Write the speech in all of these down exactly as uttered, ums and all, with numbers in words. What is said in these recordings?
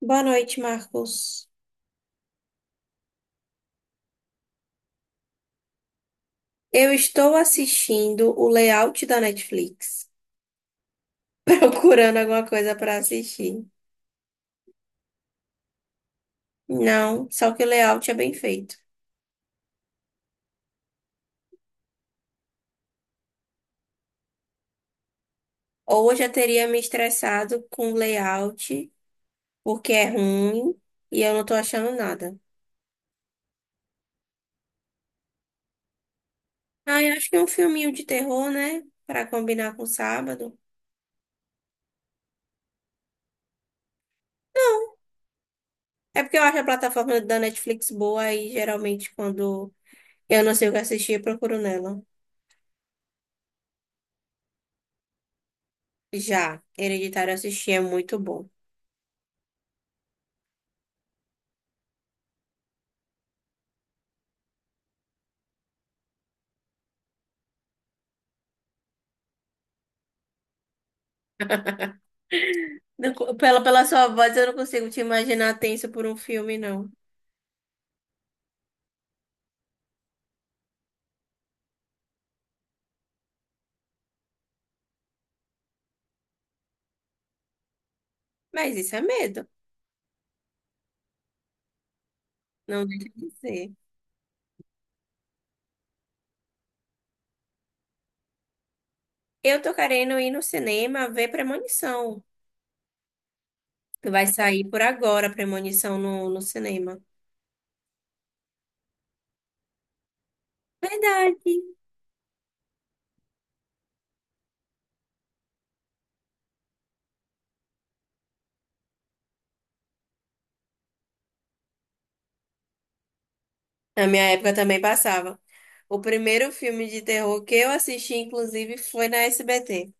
Boa noite, Marcos. Eu estou assistindo o layout da Netflix, procurando alguma coisa para assistir. Não, só que o layout é bem feito. Ou eu já teria me estressado com o layout, porque é ruim e eu não tô achando nada. Ah, eu acho que é um filminho de terror, né? Para combinar com sábado. É porque eu acho a plataforma da Netflix boa e geralmente quando eu não sei o que assistir, eu procuro nela. Já, Hereditário assistir é muito bom. Não, co- Pela, pela sua voz, eu não consigo te imaginar tenso por um filme, não. Mas isso é medo, não deixa de ser. Eu tô querendo ir no cinema ver Premonição. Vai sair por agora Premonição no, no cinema. Verdade. Na minha época também passava. O primeiro filme de terror que eu assisti, inclusive, foi na S B T.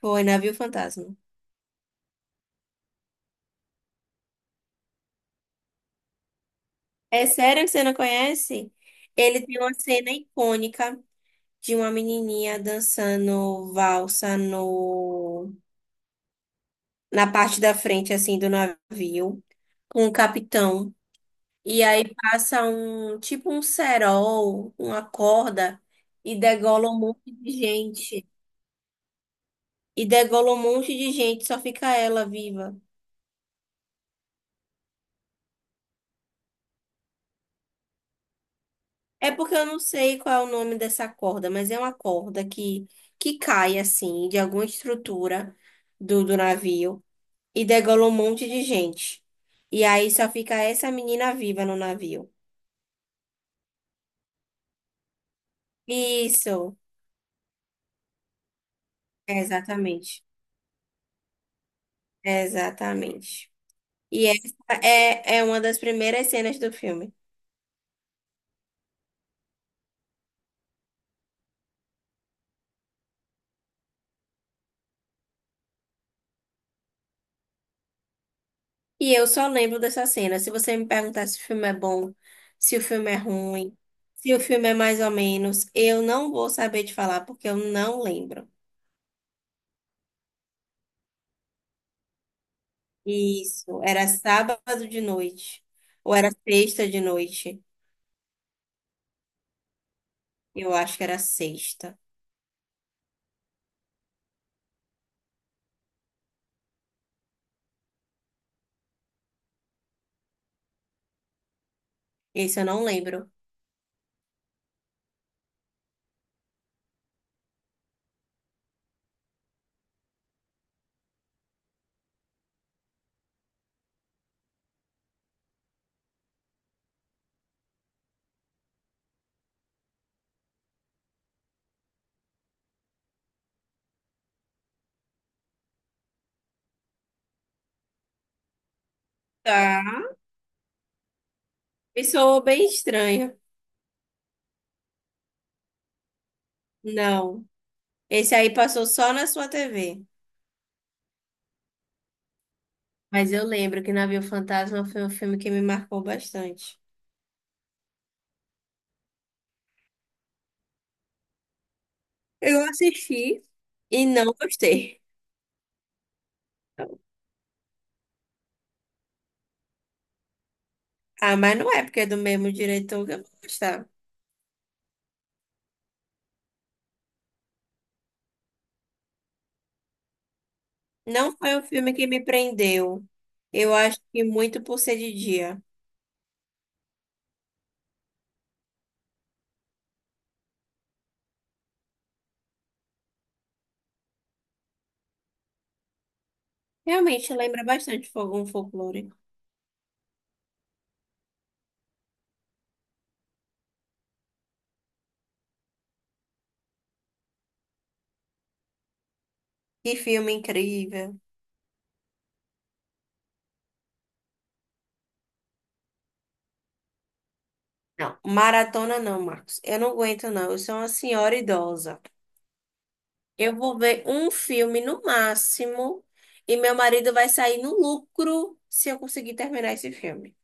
Foi Navio Fantasma. É sério que você não conhece? Ele tem uma cena icônica de uma menininha dançando valsa no na parte da frente, assim, do navio, com o capitão. E aí passa um, tipo um cerol, uma corda, e degola um monte de gente. E degola um monte de gente, só fica ela viva. É porque eu não sei qual é o nome dessa corda, mas é uma corda que, que cai, assim, de alguma estrutura do, do navio, e degola um monte de gente. E aí só fica essa menina viva no navio. Isso, é, exatamente. Exatamente. E essa é, é uma das primeiras cenas do filme. E eu só lembro dessa cena. Se você me perguntar se o filme é bom, se o filme é ruim, se o filme é mais ou menos, eu não vou saber te falar, porque eu não lembro. Isso, era sábado de noite. Ou era sexta de noite. Eu acho que era sexta. Esse eu não lembro. Tá. E soou bem estranho. Não. Esse aí passou só na sua T V. Mas eu lembro que Navio Fantasma foi um filme que me marcou bastante. Eu assisti e não gostei. Ah, mas não é porque é do mesmo diretor que eu vou gostar. Não foi um filme que me prendeu. Eu acho que muito por ser de dia. Realmente lembra bastante Fogão Folclore. Que filme incrível. Não, maratona não, Marcos. Eu não aguento, não. Eu sou uma senhora idosa. Eu vou ver um filme no máximo e meu marido vai sair no lucro se eu conseguir terminar esse filme.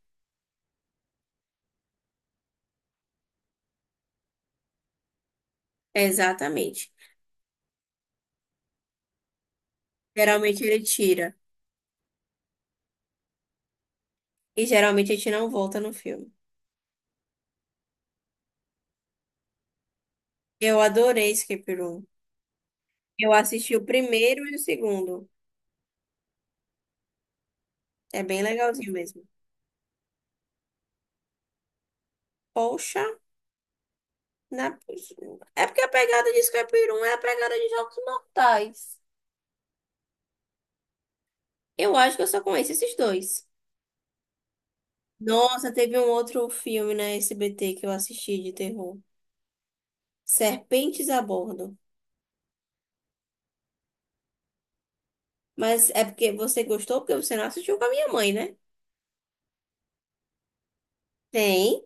Exatamente. Geralmente ele tira e geralmente a gente não volta no filme. Eu adorei Escape Room. Eu assisti o primeiro e o segundo. É bem legalzinho mesmo. Poxa, na... é porque a pegada de Escape Room é a pegada de Jogos Mortais. Eu acho que eu só conheço esses dois. Nossa, teve um outro filme na S B T que eu assisti de terror. Serpentes a bordo. Mas é porque você gostou, porque você não assistiu com a minha mãe, né? Tem.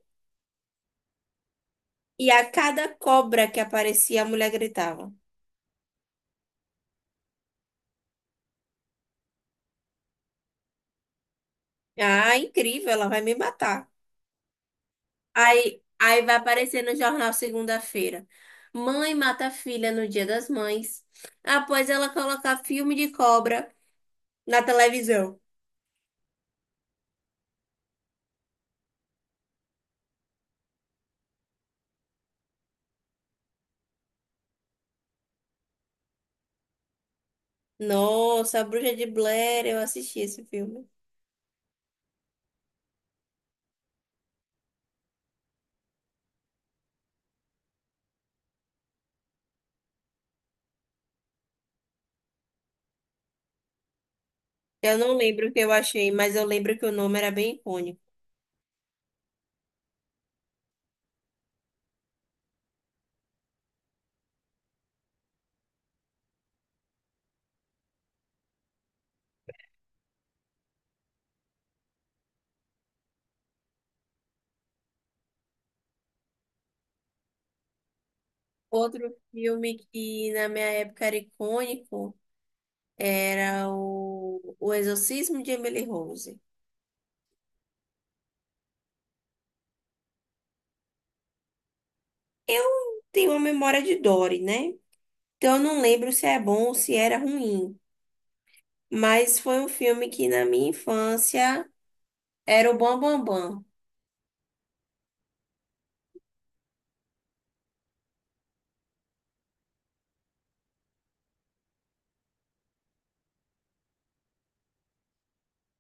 E a cada cobra que aparecia, a mulher gritava: Ah, incrível, ela vai me matar. Aí, aí vai aparecer no jornal segunda-feira: Mãe mata a filha no Dia das Mães, após ela colocar filme de cobra na televisão. Nossa, a Bruxa de Blair, eu assisti esse filme. Eu não lembro o que eu achei, mas eu lembro que o nome era bem icônico. Outro filme que na minha época era icônico era o, o Exorcismo de Emily Rose. Eu tenho uma memória de Dory, né? Então eu não lembro se é bom ou se era ruim. Mas foi um filme que na minha infância era o Bam Bam Bam.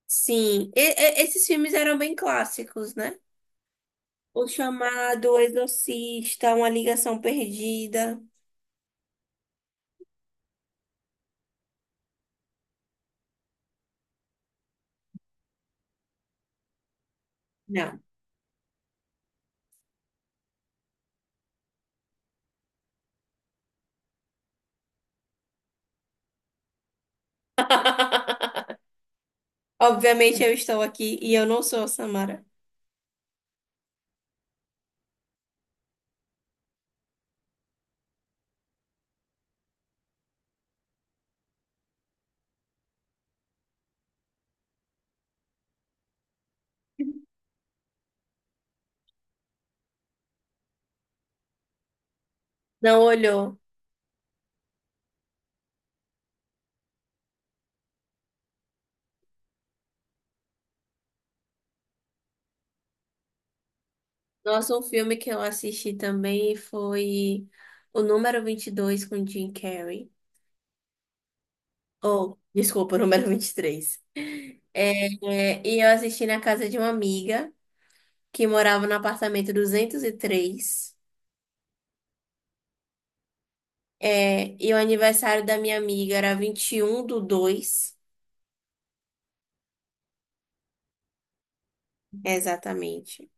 Sim, e- e- esses filmes eram bem clássicos, né? O chamado O Exorcista, Uma Ligação Perdida. Não. Obviamente eu estou aqui e eu não sou a Samara. Não olhou. Nossa, um filme que eu assisti também foi o número vinte e dois com Jim Carrey. Oh, desculpa, o número vinte e três. É, e eu assisti na casa de uma amiga que morava no apartamento duzentos e três. É, e o aniversário da minha amiga era vinte e um do dois, exatamente.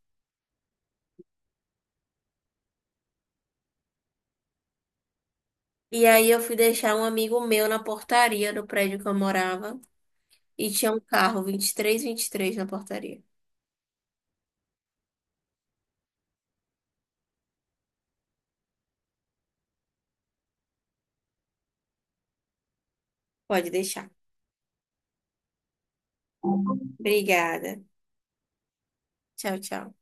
E aí eu fui deixar um amigo meu na portaria do prédio que eu morava. E tinha um carro vinte vinte e e três vinte e três na portaria. Pode deixar. Obrigada. Tchau, tchau.